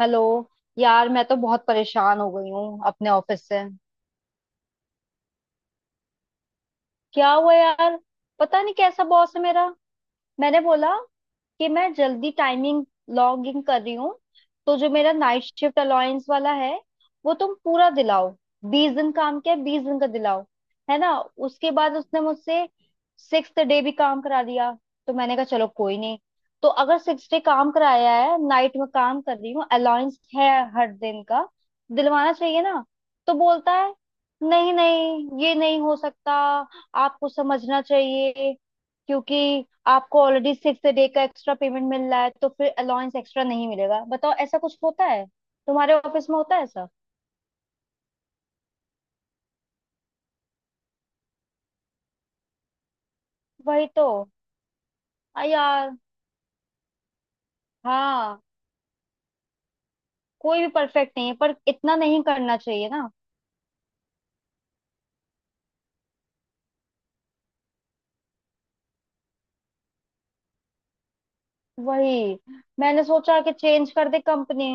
Hello. यार मैं तो बहुत परेशान हो गई हूँ अपने ऑफिस से। क्या हुआ यार, पता नहीं कैसा बॉस है मेरा। मैंने बोला कि मैं जल्दी टाइमिंग लॉग इन कर रही हूँ, तो जो मेरा नाइट शिफ्ट अलाउंस वाला है वो तुम पूरा दिलाओ। 20 दिन काम किया, 20 दिन का दिलाओ, है ना। उसके बाद उसने मुझसे 6 डे भी काम करा दिया, तो मैंने कहा चलो कोई नहीं। तो अगर 6 डे काम कराया है, नाइट में काम कर रही हूँ, अलाउंस है हर दिन का दिलवाना चाहिए ना। तो बोलता है नहीं नहीं ये नहीं हो सकता, आपको समझना चाहिए, क्योंकि आपको ऑलरेडी 6 डे का एक्स्ट्रा पेमेंट मिल रहा है तो फिर अलाउंस एक्स्ट्रा नहीं मिलेगा। बताओ ऐसा कुछ होता है? तुम्हारे ऑफिस में होता है ऐसा? वही तो। आ यार। हाँ, कोई भी परफेक्ट नहीं है पर इतना नहीं करना चाहिए ना। वही, मैंने सोचा कि चेंज कर दे कंपनी।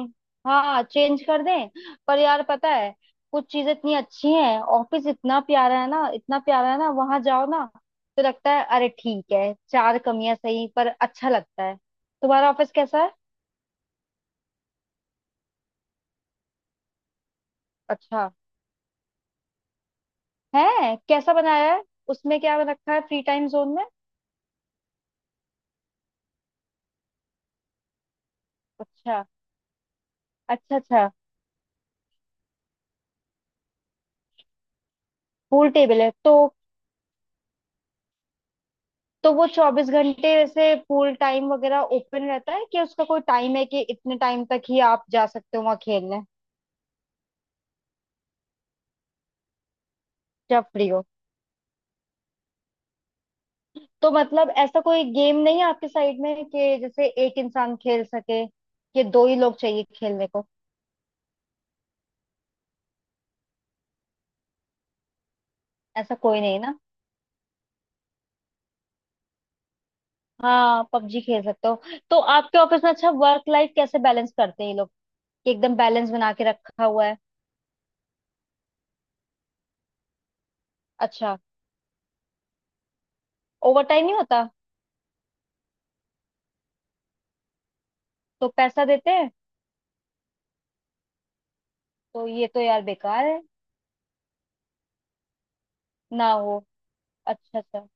हाँ चेंज कर दें, पर यार पता है, कुछ चीजें इतनी अच्छी हैं, ऑफिस इतना प्यारा है ना, इतना प्यारा है ना, वहां जाओ ना तो लगता है अरे ठीक है, चार कमियां सही पर अच्छा लगता है। तुम्हारा ऑफिस कैसा है? अच्छा। है? कैसा बनाया है? उसमें क्या रखा है फ्री टाइम जोन में? अच्छा अच्छा। अच्छा। पूल टेबल है तो वो 24 घंटे वैसे पूल टाइम वगैरह ओपन रहता है, कि उसका कोई टाइम है कि इतने टाइम तक ही आप जा सकते हो वहाँ खेलने? जब फ्री हो। तो मतलब ऐसा कोई गेम नहीं है आपके साइड में कि जैसे एक इंसान खेल सके, कि दो ही लोग चाहिए खेलने को? ऐसा कोई नहीं ना। हाँ, पबजी खेल सकते हो। तो आपके ऑफिस में अच्छा वर्क लाइफ कैसे बैलेंस करते हैं ये लोग? कि एकदम बैलेंस बना के रखा हुआ है। अच्छा। ओवर टाइम नहीं होता? तो पैसा देते हैं? तो ये तो यार बेकार है। ना हो। अच्छा अच्छा।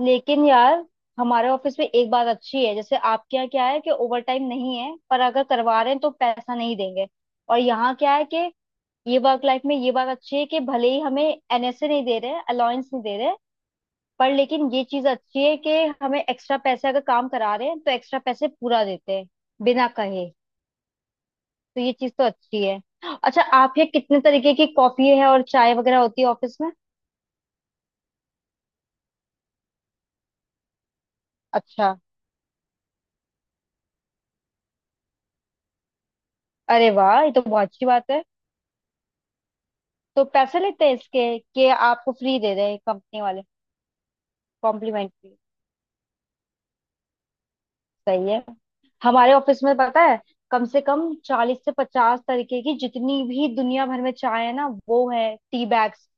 लेकिन यार, हमारे ऑफिस में एक बात अच्छी है, जैसे आपके यहाँ क्या है कि ओवर टाइम नहीं है पर अगर करवा रहे हैं तो पैसा नहीं देंगे। और यहाँ क्या है कि ये वर्क लाइफ में ये बात अच्छी है, कि भले ही हमें एनएसए नहीं दे रहे हैं, अलाउंस नहीं दे रहे हैं, पर लेकिन ये चीज अच्छी है कि हमें एक्स्ट्रा पैसे अगर काम करा रहे हैं तो एक्स्ट्रा पैसे पूरा देते हैं, बिना कहे। तो ये चीज तो अच्छी है। अच्छा, आप ये कितने तरीके की कॉफी है और चाय वगैरह होती है ऑफिस में? अच्छा। अरे वाह, ये तो बहुत अच्छी बात है। तो पैसे लेते हैं इसके, कि आपको फ्री दे रहे हैं कंपनी वाले? कॉम्प्लीमेंट्री। सही है। हमारे ऑफिस में पता है, कम से कम 40 से 50 तरीके की, जितनी भी दुनिया भर में चाय है ना वो है टी बैग्स।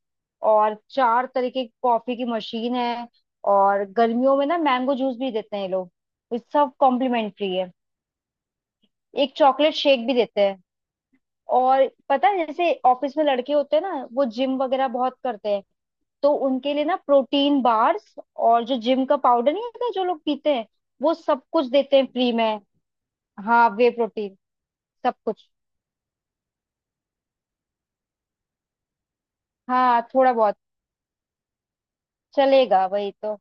और चार तरीके की कॉफी की मशीन है। और गर्मियों में ना मैंगो जूस भी देते हैं ये लोग। ये सब कॉम्प्लीमेंट्री है। एक चॉकलेट शेक भी देते हैं। और पता है जैसे ऑफिस में लड़के होते हैं ना, वो जिम वगैरह बहुत करते हैं, तो उनके लिए ना प्रोटीन बार्स, और जो जिम का पाउडर नहीं होता जो लोग पीते हैं, वो सब कुछ देते हैं फ्री में। हाँ, वे प्रोटीन, सब कुछ। हाँ थोड़ा बहुत। चलेगा वही तो।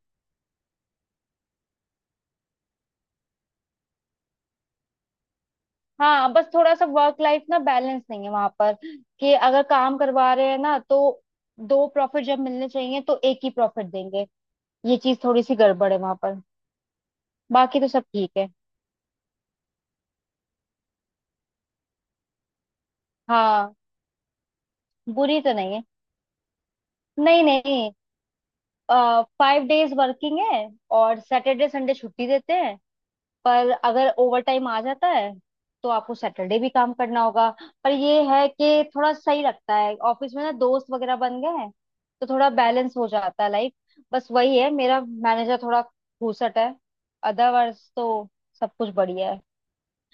हाँ बस थोड़ा सा वर्क लाइफ ना बैलेंस नहीं है वहां पर, कि अगर काम करवा रहे हैं ना तो दो प्रॉफिट जब मिलने चाहिए तो एक ही प्रॉफिट देंगे। ये चीज थोड़ी सी गड़बड़ है वहां पर। बाकी तो सब ठीक है। हाँ। बुरी तो नहीं है। नहीं नहीं, 5 डेज वर्किंग है और सैटरडे संडे छुट्टी देते हैं। पर अगर ओवर टाइम आ जाता है तो आपको सैटरडे भी काम करना होगा। पर ये है कि थोड़ा सही लगता है, ऑफिस में ना दोस्त वगैरह बन गए हैं, तो थोड़ा बैलेंस हो जाता है लाइफ। बस वही है, मेरा मैनेजर थोड़ा घूसट है, अदरवाइज तो सब कुछ बढ़िया है।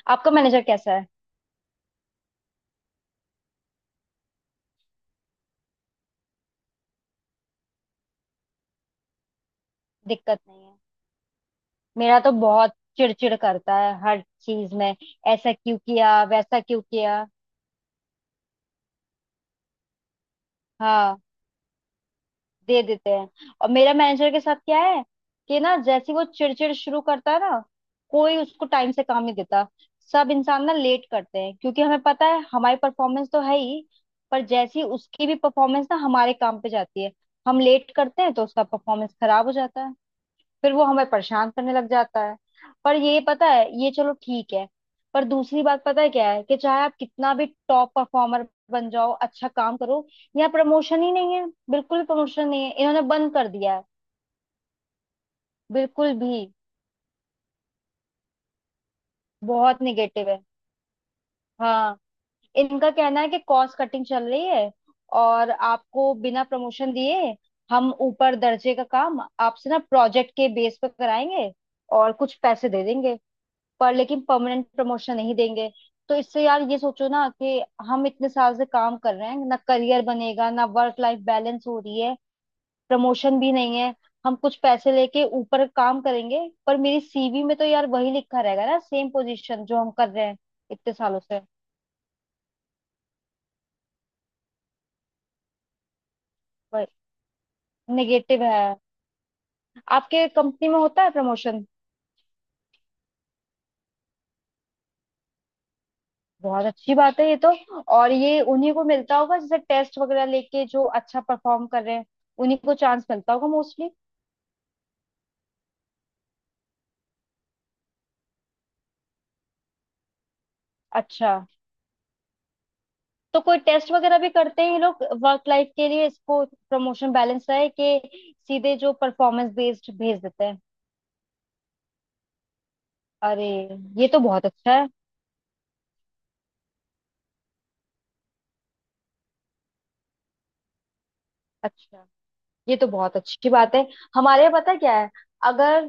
आपका मैनेजर कैसा है? दिक्कत नहीं है। मेरा तो बहुत चिड़चिड़ करता है हर चीज में, ऐसा क्यों किया, वैसा क्यों किया। हाँ दे देते हैं। और मेरा मैनेजर के साथ क्या है कि ना जैसे ही वो चिड़चिड़ शुरू करता है ना, कोई उसको टाइम से काम नहीं देता। सब इंसान ना लेट करते हैं, क्योंकि हमें पता है हमारी परफॉर्मेंस तो है ही, पर जैसी उसकी भी परफॉर्मेंस ना हमारे काम पे जाती है। हम लेट करते हैं तो उसका परफॉर्मेंस खराब हो जाता है। फिर वो हमें परेशान करने लग जाता है। पर ये पता है ये, चलो ठीक है। पर दूसरी बात पता है क्या है, कि चाहे आप कितना भी टॉप परफॉर्मर बन जाओ, अच्छा काम करो, यहाँ प्रमोशन ही नहीं है। बिल्कुल प्रमोशन नहीं है, इन्होंने बंद कर दिया है। बिल्कुल भी। बहुत निगेटिव है। हाँ। इनका कहना है कि कॉस्ट कटिंग चल रही है, और आपको बिना प्रमोशन दिए हम ऊपर दर्जे का काम आपसे ना प्रोजेक्ट के बेस पर कराएंगे और कुछ पैसे दे देंगे, पर लेकिन परमानेंट प्रमोशन नहीं देंगे। तो इससे यार ये सोचो ना कि हम इतने साल से काम कर रहे हैं, ना करियर बनेगा, ना वर्क लाइफ बैलेंस हो रही है, प्रमोशन भी नहीं है, हम कुछ पैसे लेके ऊपर काम करेंगे, पर मेरी सीवी में तो यार वही लिखा रहेगा ना, सेम पोजीशन जो हम कर रहे हैं इतने सालों से। नेगेटिव है। आपके कंपनी में होता है प्रमोशन? बहुत अच्छी बात है ये तो। और ये उन्हीं को मिलता होगा जैसे टेस्ट वगैरह लेके जो अच्छा परफॉर्म कर रहे हैं, उन्हीं को चांस मिलता होगा मोस्टली? अच्छा। तो कोई टेस्ट वगैरह भी करते हैं ये लोग वर्क लाइफ के लिए इसको प्रमोशन बैलेंस रहे, कि सीधे जो परफॉर्मेंस बेस्ड भेज देते हैं? अरे, ये तो बहुत अच्छा है। अच्छा। ये तो बहुत अच्छी बात है। हमारे यहाँ पता है क्या है, अगर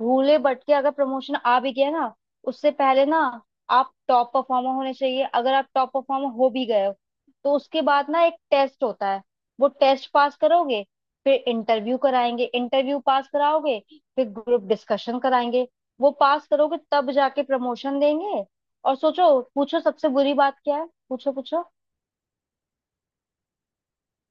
भूले भटके अगर प्रमोशन आ भी गया ना, उससे पहले ना आप टॉप परफॉर्मर होने चाहिए। अगर आप टॉप परफॉर्मर हो भी गए हो, तो उसके बाद ना एक टेस्ट होता है। वो टेस्ट पास करोगे, फिर इंटरव्यू कराएंगे, इंटरव्यू पास कराओगे, फिर ग्रुप डिस्कशन कराएंगे, वो पास करोगे, तब जाके प्रमोशन देंगे। और सोचो, पूछो सबसे बुरी बात क्या है, पूछो पूछो।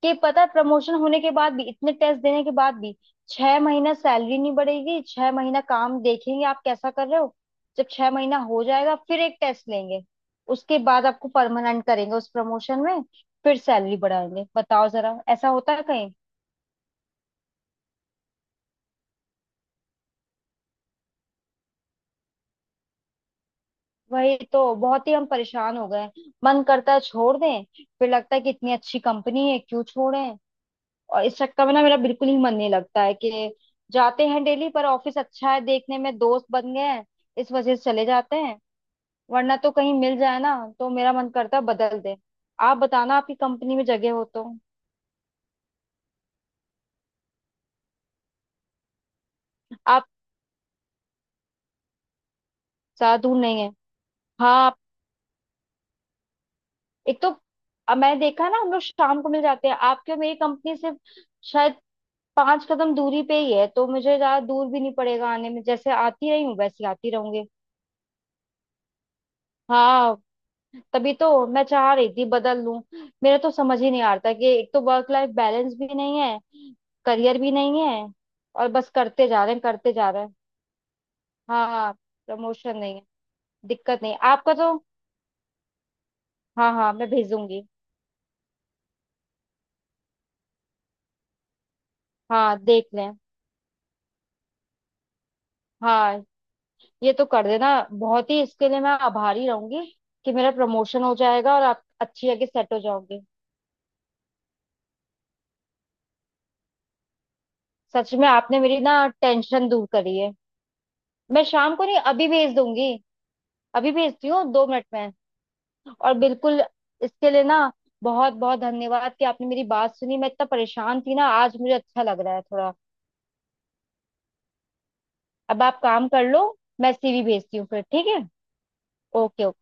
कि पता है प्रमोशन होने के बाद भी, इतने टेस्ट देने के बाद भी, 6 महीना सैलरी नहीं बढ़ेगी। 6 महीना काम देखेंगे आप कैसा कर रहे हो। जब 6 महीना हो जाएगा फिर एक टेस्ट लेंगे, उसके बाद आपको परमानेंट करेंगे उस प्रमोशन में, फिर सैलरी बढ़ाएंगे। बताओ जरा ऐसा होता है कहीं? वही तो, बहुत ही हम परेशान हो गए हैं। मन करता है छोड़ दें, फिर लगता है कि इतनी अच्छी कंपनी है क्यों छोड़ें। और इस चक्कर में ना मेरा बिल्कुल ही मन नहीं लगता है, कि जाते हैं डेली, पर ऑफिस अच्छा है देखने में, दोस्त बन गए हैं, इस वजह से चले जाते हैं। वरना तो कहीं मिल जाए ना, तो मेरा मन करता है बदल दे। आप बताना आपकी कंपनी में जगह हो तो। आप। ज्यादा दूर नहीं है। हाँ एक तो, अब मैंने देखा है ना हम लोग शाम को मिल जाते हैं। आपके और मेरी कंपनी सिर्फ शायद 5 कदम दूरी पे ही है, तो मुझे ज्यादा दूर भी नहीं पड़ेगा आने में, जैसे आती रही हूँ वैसे आती रहूंगी। हाँ। तभी तो मैं चाह रही थी बदल लूं। मेरा तो समझ ही नहीं आ रहा था, कि एक तो वर्क लाइफ बैलेंस भी नहीं है, करियर भी नहीं है, और बस करते जा रहे हैं करते जा रहे हैं। हाँ प्रमोशन नहीं है, दिक्कत नहीं है। आपका तो। हाँ हाँ मैं भेजूंगी। हाँ देख लें। हाँ, ये तो कर देना, बहुत ही इसके लिए मैं आभारी रहूंगी, कि मेरा प्रमोशन हो जाएगा और आप अच्छी जगह सेट हो जाओगे। सच में आपने मेरी ना टेंशन दूर करी है। मैं शाम को नहीं अभी भेज दूंगी। अभी भेजती हूँ 2 मिनट में। और बिल्कुल, इसके लिए ना बहुत बहुत धन्यवाद, कि आपने मेरी बात सुनी, मैं इतना परेशान थी ना आज, मुझे अच्छा लग रहा है थोड़ा। अब आप काम कर लो, मैं सीवी भेजती हूँ फिर, ठीक है? Okay, okay.